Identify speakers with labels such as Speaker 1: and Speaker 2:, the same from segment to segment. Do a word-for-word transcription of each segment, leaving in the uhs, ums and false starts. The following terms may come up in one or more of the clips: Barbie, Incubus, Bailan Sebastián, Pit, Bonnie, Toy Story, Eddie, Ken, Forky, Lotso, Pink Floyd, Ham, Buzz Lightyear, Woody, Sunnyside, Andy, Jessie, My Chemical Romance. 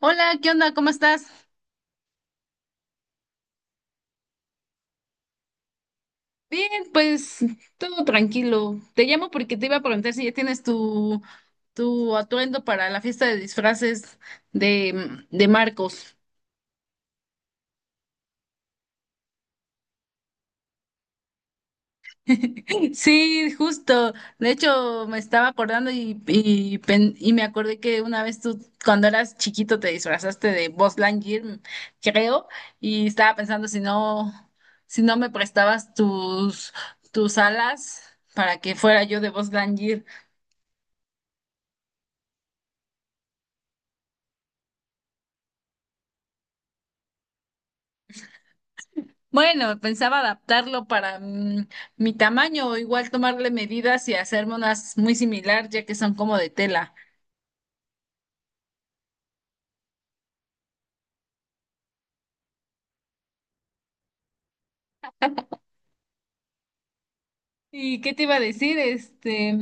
Speaker 1: Hola, ¿qué onda? ¿Cómo estás? Bien, pues todo tranquilo. Te llamo porque te iba a preguntar si ya tienes tu, tu atuendo para la fiesta de disfraces de, mm, de Marcos. Sí, justo. De hecho, me estaba acordando y, y, pen- y me acordé que una vez tú, cuando eras chiquito, te disfrazaste de Buzz Lightyear, mm, creo, y estaba pensando si no, si no me prestabas tus, tus alas para que fuera yo de Buzz Lightyear. Bueno, pensaba adaptarlo para mm, mi tamaño o igual tomarle medidas y hacerme unas muy similar, ya que son como de tela. ¿Y qué te iba a decir? Este,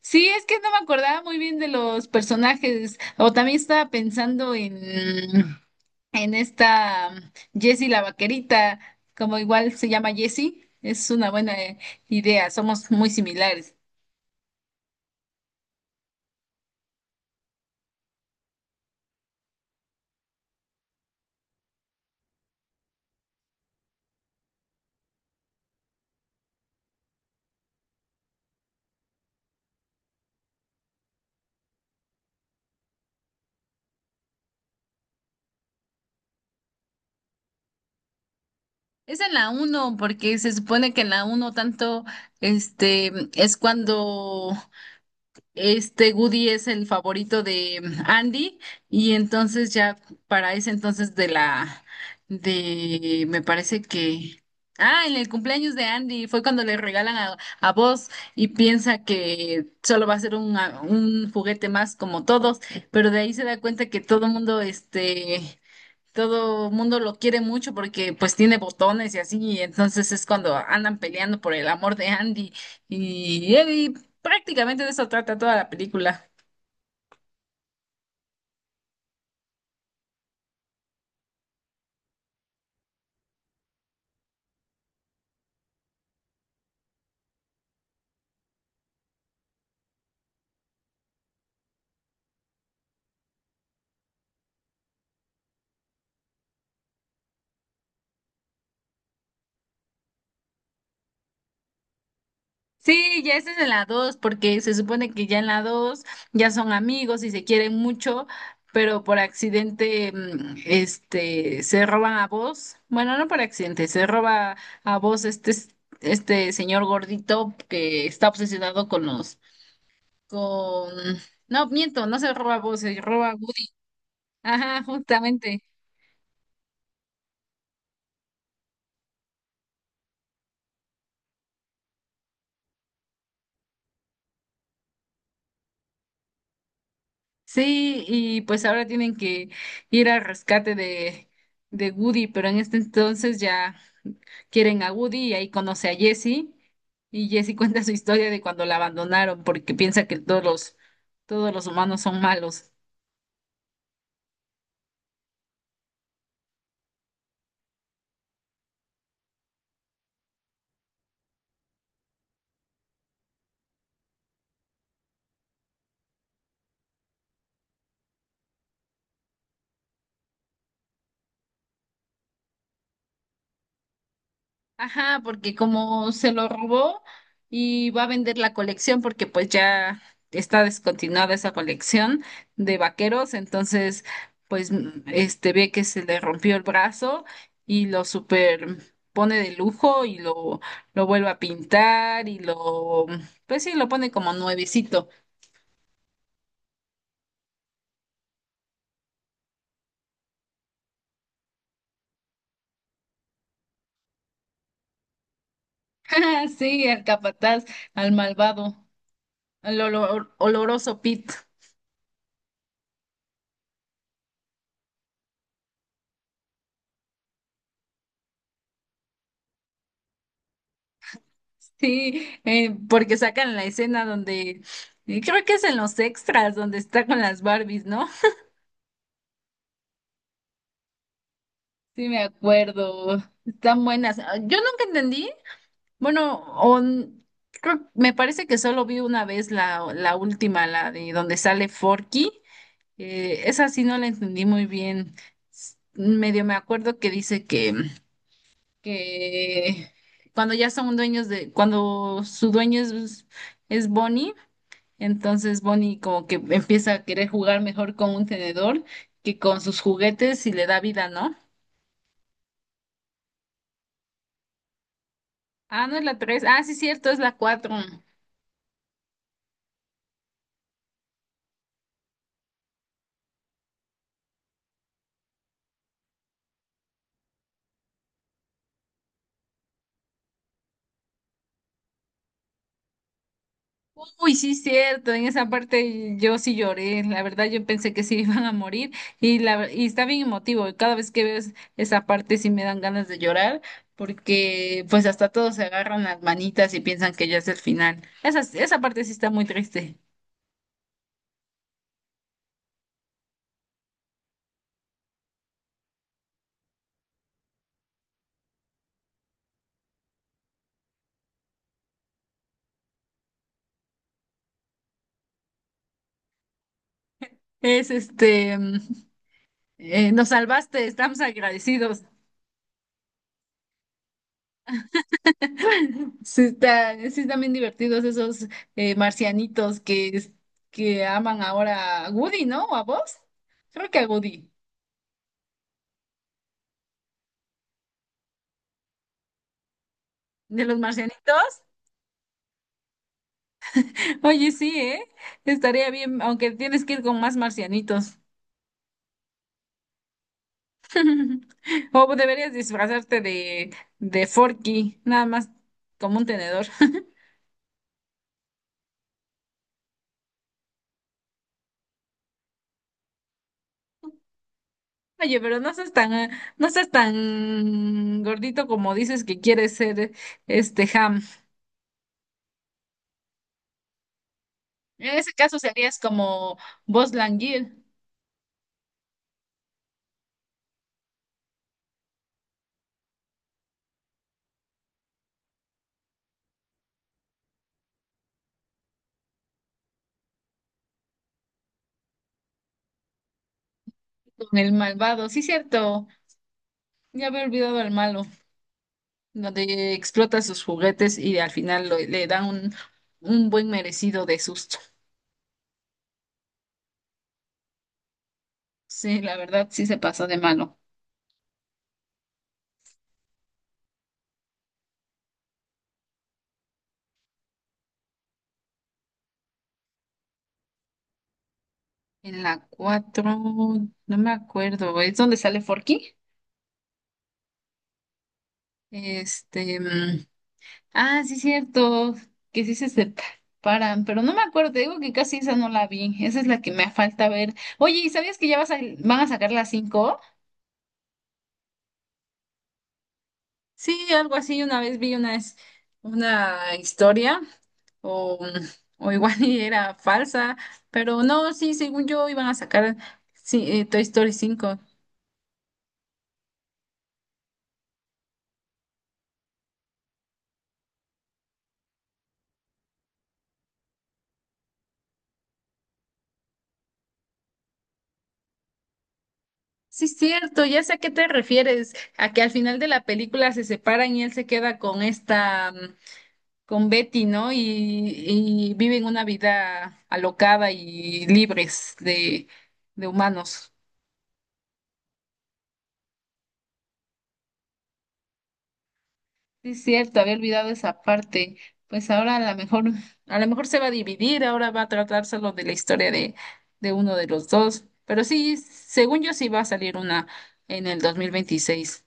Speaker 1: sí, es que no me acordaba muy bien de los personajes, o también estaba pensando en, en esta Jessie la vaquerita, como igual se llama Jessie, es una buena eh, idea, somos muy similares. Es en la uno porque se supone que en la uno tanto, este, es cuando Este Woody es el favorito de mm, Andy y entonces ya para ese entonces de la de me parece que ah en el cumpleaños de Andy fue cuando le regalan a, a Buzz y piensa que solo va a ser un, un juguete más como todos, pero de ahí se da cuenta que todo el mundo este todo mundo lo quiere mucho porque pues tiene botones y así, y entonces es cuando andan peleando por el amor de Andy y Eddie. Prácticamente de eso trata toda la película. Sí, ya esa es en la dos porque se supone que ya en la dos ya son amigos y se quieren mucho, pero por accidente mm, este se roban a vos. Bueno, no por accidente, se roba a vos este este señor gordito que está obsesionado con los con... No, miento, no se roba Buzz, se roba Woody. Ajá, justamente. Sí, y pues ahora tienen que ir al rescate de, de Woody, pero en este entonces ya quieren a Woody y ahí conoce a Jesse. Y Jesse cuenta su historia de cuando la abandonaron porque piensa que todos los, todos los humanos son malos. Ajá, porque como se lo robó y va a vender la colección porque pues ya está descontinuada esa colección de vaqueros, entonces pues mm, este ve que se le rompió el brazo y lo super pone de lujo y lo lo vuelve a pintar y lo pues sí lo pone como nuevecito. Sí, al capataz, al malvado, al olor- oloroso Pit. Sí, eh, porque sacan la escena donde, eh, creo que es en los extras, donde está con las Barbies, ¿no? Sí, me acuerdo. Están buenas. Ah, yo nunca entendí. Bueno, o n- creo, me parece que solo vi una vez la, la última, la de donde sale Forky. Eh, esa sí no la entendí muy bien. S- Medio me acuerdo que dice que, que cuando ya son dueños de, cuando su dueño es, es Bonnie. Entonces Bonnie como que empieza a querer jugar mejor con un tenedor que con sus juguetes y le da vida, ¿no? Ah, no es la tres. Ah, sí, cierto, es la cuatro. Uy, sí, cierto. En esa parte yo sí lloré. La verdad, yo pensé que sí iban a morir y la y está bien emotivo. Cada vez que veo es- esa parte sí me dan ganas de llorar porque pues hasta todos se agarran las manitas y piensan que ya es el final. Esa esa parte sí está muy triste. Es este, mm, eh, nos salvaste, estamos agradecidos. Sí, está, sí están bien divertidos esos eh, marcianitos que, es- que aman ahora a Woody, ¿no? ¿O a vos? Creo que a Woody. ¿De los marcianitos? Oye, sí, ¿eh? Estaría bien, aunque tienes que ir con más marcianitos. O deberías disfrazarte de, de Forky, nada más como un tenedor. Oye, pero no seas tan, eh, no seas tan gordito como dices que quieres ser este Ham. En ese caso serías como Buzz Lightyear. Con el malvado, sí, cierto. Ya había olvidado al malo, donde explota sus juguetes y al final lo- le da un, un buen merecido de susto. Sí, la verdad, sí se pasó de malo. En la cuatro, no me acuerdo, ¿es donde sale Forky? Este, mm, ah, sí, cierto, que sí se separan, pero no me acuerdo, te digo que casi esa no la vi, esa es la que me falta ver. Oye, ¿y sabías que ya vas a- van a sacar la cinco? Sí, algo así. Una vez vi una, es- una historia o, o igual y era falsa, pero no, sí, según yo iban a sacar sí, eh, Toy Story cinco. Sí, cierto, ya sé a qué te refieres, a que al final de la película se separan y él se queda con esta, mm, con Betty, ¿no? Y, y viven una vida alocada y libres de, de humanos. Sí, es cierto, había olvidado esa parte. Pues ahora a lo mejor, a lo mejor se va a dividir, ahora va a tratar solo de la historia de, de uno de los dos. Pero sí, según yo sí va a salir una en el dos mil veintiséis.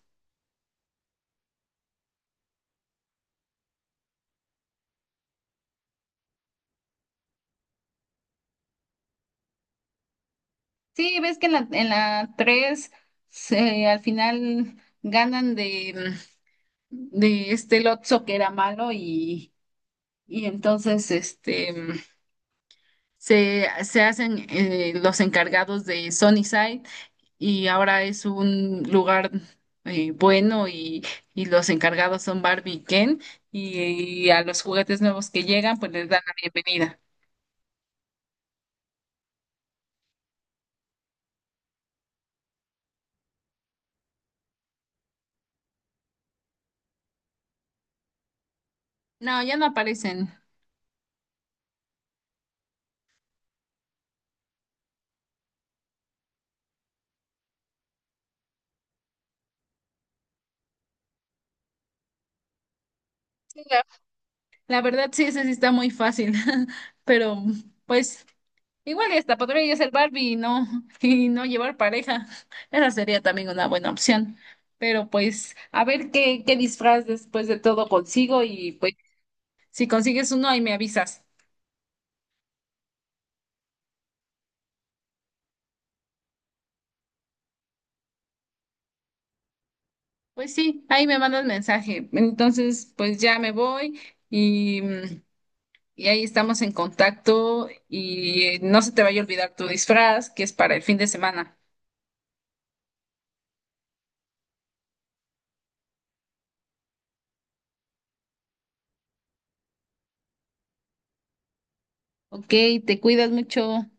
Speaker 1: Sí, ves que en la, en la tres se- al final ganan de, de este Lotso que era malo y, y entonces este se, se hacen eh, los encargados de Sunnyside y ahora es un lugar eh, bueno y, y los encargados son Barbie y Ken y, a los juguetes nuevos que llegan pues les dan la bienvenida. No, ya no aparecen. Sí, la- la verdad sí, ese sí está muy fácil, pero pues igual y hasta podría yo ser Barbie y no, y no llevar pareja. Esa sería también una buena opción. Pero pues a ver qué, qué disfraz después de todo consigo y pues si consigues uno ahí me avisas. Pues sí, ahí me mandas mensaje. Entonces, pues ya me voy y, mm, y ahí estamos en contacto y eh, no se te vaya a olvidar tu disfraz, que es para el fin de semana. Ok, te cuidas mucho.